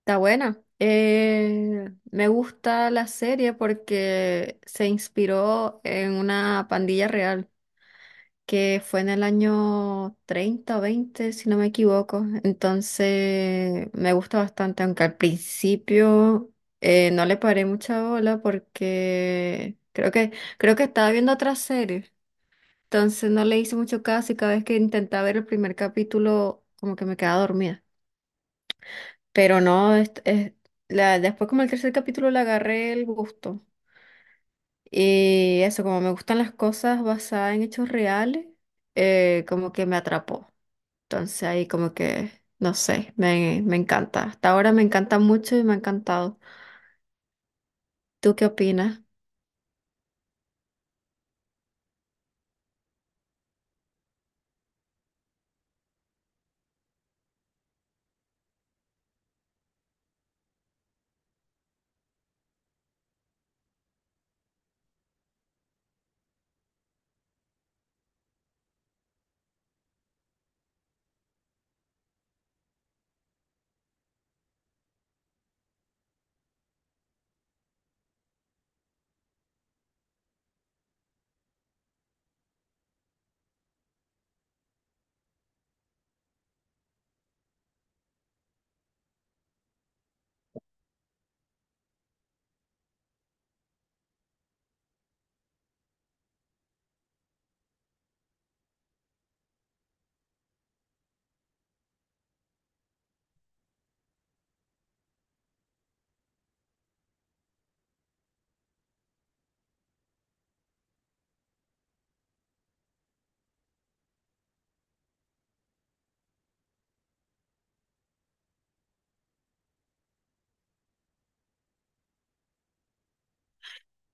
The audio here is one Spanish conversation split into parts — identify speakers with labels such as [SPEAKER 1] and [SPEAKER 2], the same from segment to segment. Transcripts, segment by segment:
[SPEAKER 1] Está buena. Me gusta la serie porque se inspiró en una pandilla real que fue en el año 30 o 20, si no me equivoco. Entonces me gusta bastante, aunque al principio no le paré mucha bola creo que estaba viendo otra serie. Entonces no le hice mucho caso y cada vez que intentaba ver el primer capítulo como que me quedaba dormida. Pero no, después como el tercer capítulo le agarré el gusto. Y eso, como me gustan las cosas basadas en hechos reales, como que me atrapó. Entonces ahí como que, no sé, me encanta. Hasta ahora me encanta mucho y me ha encantado. ¿Tú qué opinas?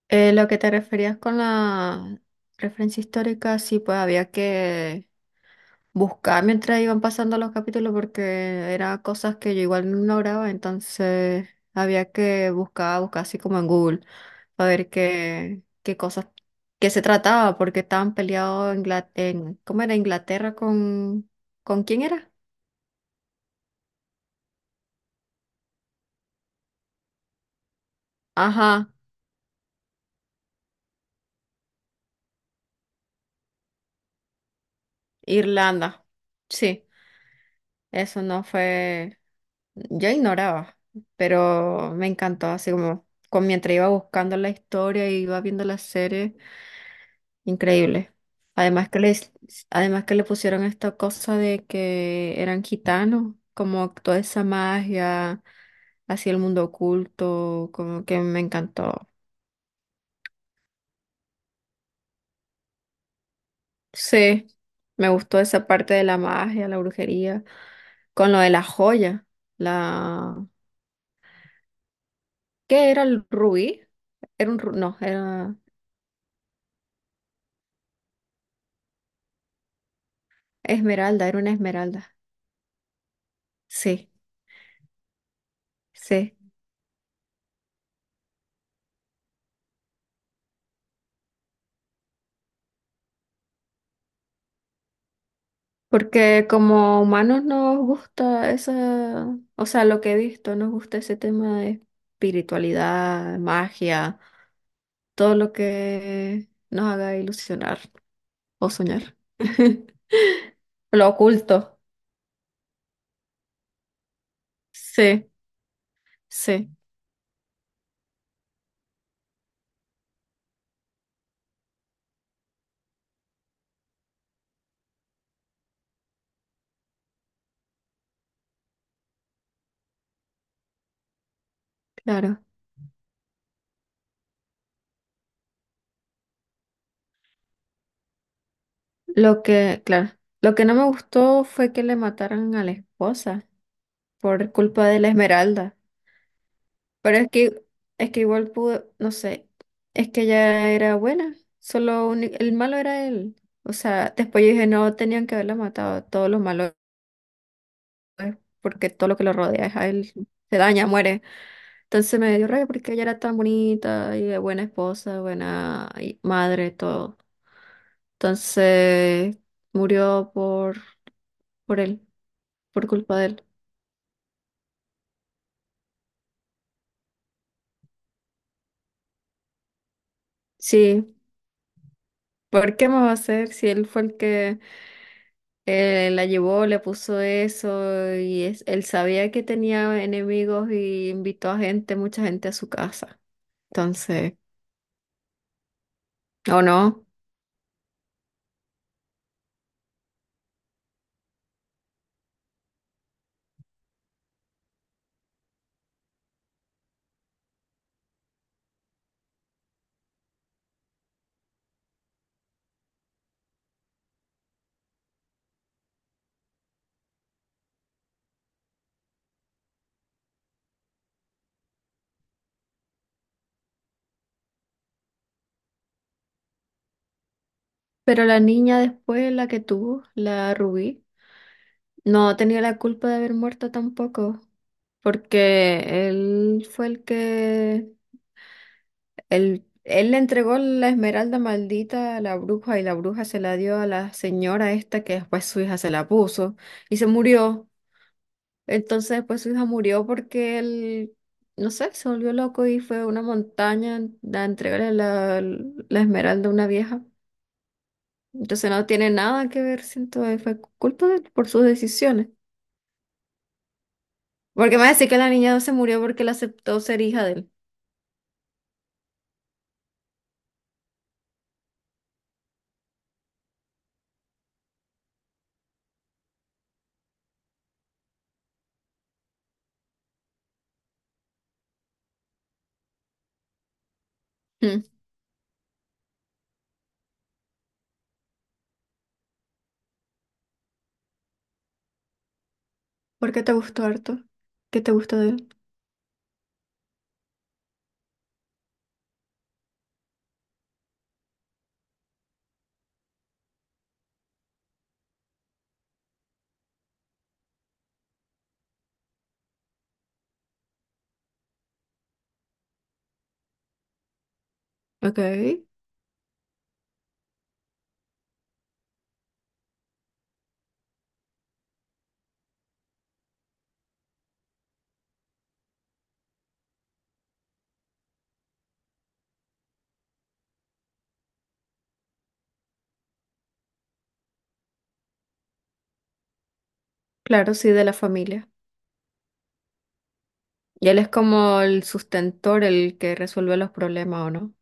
[SPEAKER 1] Lo que te referías con la referencia histórica, sí, pues había que buscar mientras iban pasando los capítulos porque eran cosas que yo igual no lograba, entonces había que buscar así como en Google, para ver qué cosas, qué se trataba, porque estaban peleados ¿cómo era? Inglaterra ¿con quién era? Ajá, Irlanda, sí. Eso no fue, yo ignoraba, pero me encantó, así como con, mientras iba buscando la historia y iba viendo la serie increíble. Además que les, además que le pusieron esta cosa de que eran gitanos, como toda esa magia, así el mundo oculto, como que me encantó. Sí, me gustó esa parte de la magia, la brujería, con lo de la joya, la ¿Qué era el rubí? Era un, ru- no, era esmeralda, era una esmeralda. Sí, sí. Porque como humanos nos gusta esa, o sea, lo que he visto, nos gusta ese tema de espiritualidad, magia, todo lo que nos haga ilusionar o soñar. Lo oculto. Sí, sí, claro. Claro, lo que no me gustó fue que le mataran a la esposa por culpa de la esmeralda. Pero es que, es que igual pudo, no sé, es que ella era buena, solo el malo era él. O sea, después yo dije, no, tenían que haberla matado, todos los malos, es porque todo lo que lo rodea es a él, se daña, muere. Entonces me dio rabia porque ella era tan bonita y buena esposa, buena y madre, todo. Entonces murió por él, por culpa de él. Sí, ¿por qué me va a hacer si él fue el que... la llevó, le puso eso y él sabía que tenía enemigos y invitó a gente, mucha gente a su casa. Entonces, o no. Pero la niña después, la que tuvo, la Rubí, no tenía la culpa de haber muerto tampoco, porque él fue el que, él le entregó la esmeralda maldita a la bruja y la bruja se la dio a la señora esta que después su hija se la puso y se murió. Entonces después su hija murió porque él, no sé, se volvió loco y fue a una montaña a entregarle la esmeralda a una vieja. Entonces no tiene nada que ver, siento, fue culpa de él por sus decisiones. Porque me va a decir que la niña no se murió porque él aceptó ser hija de él. Mm. ¿Por qué te gustó harto? ¿Qué te gusta de él? Ok. Claro, sí, de la familia. Y él es como el sustentor, el que resuelve los problemas, ¿o no?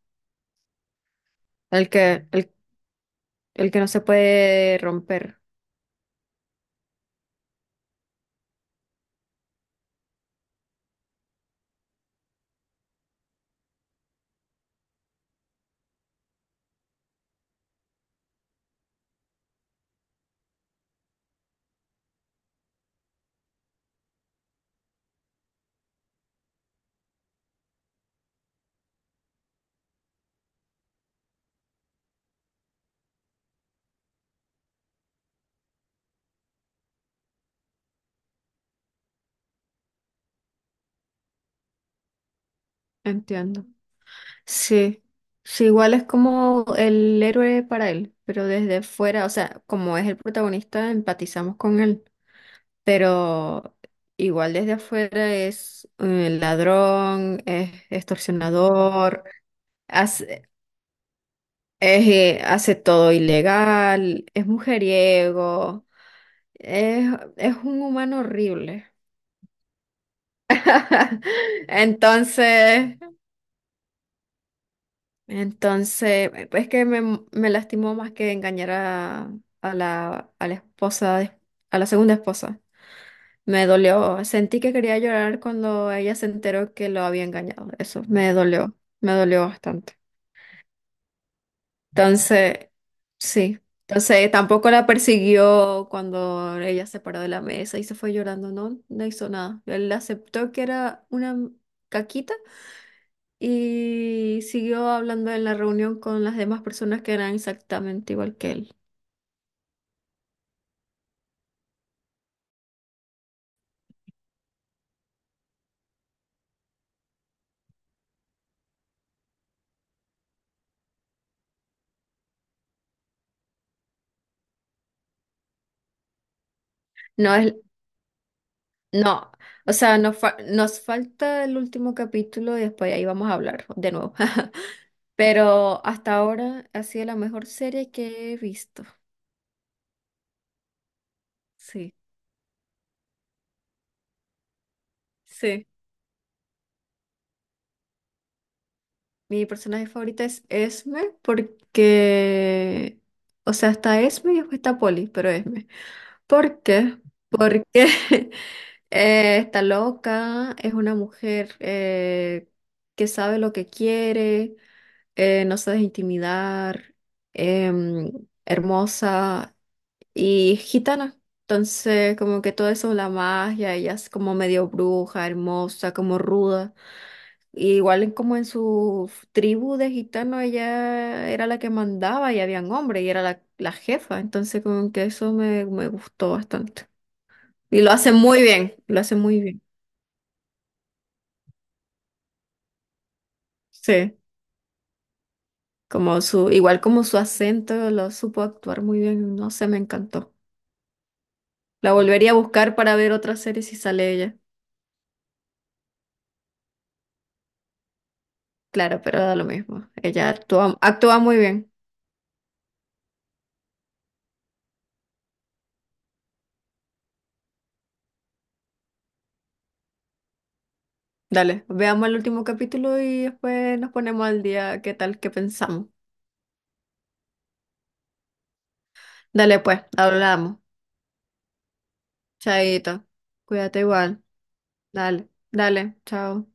[SPEAKER 1] El que, el, el que no se puede romper. Entiendo. Sí, sí, igual es como el héroe para él, pero desde fuera, o sea, como es el protagonista, empatizamos con él, pero igual desde afuera es ladrón, es extorsionador, hace, hace todo ilegal, es mujeriego, es, es un humano horrible. Entonces... Entonces, es que me lastimó más que engañar a la esposa, a la segunda esposa. Me dolió. Sentí que quería llorar cuando ella se enteró que lo había engañado. Eso me dolió bastante. Entonces, sí. Entonces, tampoco la persiguió cuando ella se paró de la mesa y se fue llorando. No, no hizo nada. Él aceptó que era una caquita y siguió hablando en la reunión con las demás personas que eran exactamente igual que él. No es, no, o sea, nos falta el último capítulo y después ahí vamos a hablar de nuevo. Pero hasta ahora ha sido la mejor serie que he visto. Sí, sí. Mi personaje favorita es Esme porque, o sea, está Esme y después está Polly, pero Esme. ¿Por qué? Porque está loca, es una mujer que sabe lo que quiere, no se deja intimidar, em, hermosa y gitana. Entonces, como que todo eso, la magia, ella es como medio bruja, hermosa, como ruda. Y igual como en su tribu de gitanos, ella era la que mandaba y habían hombres y era la jefa. Entonces, como que eso me gustó bastante. Y lo hace muy bien, lo hace muy bien. Sí, igual como su acento lo supo actuar muy bien. No sé, me encantó. La volvería a buscar para ver otra serie si sale ella. Claro, pero da lo mismo. Ella actúa, actúa muy bien. Dale, veamos el último capítulo y después nos ponemos al día qué tal, qué pensamos. Dale pues, hablamos. Chaito, cuídate igual. Dale, dale, chao.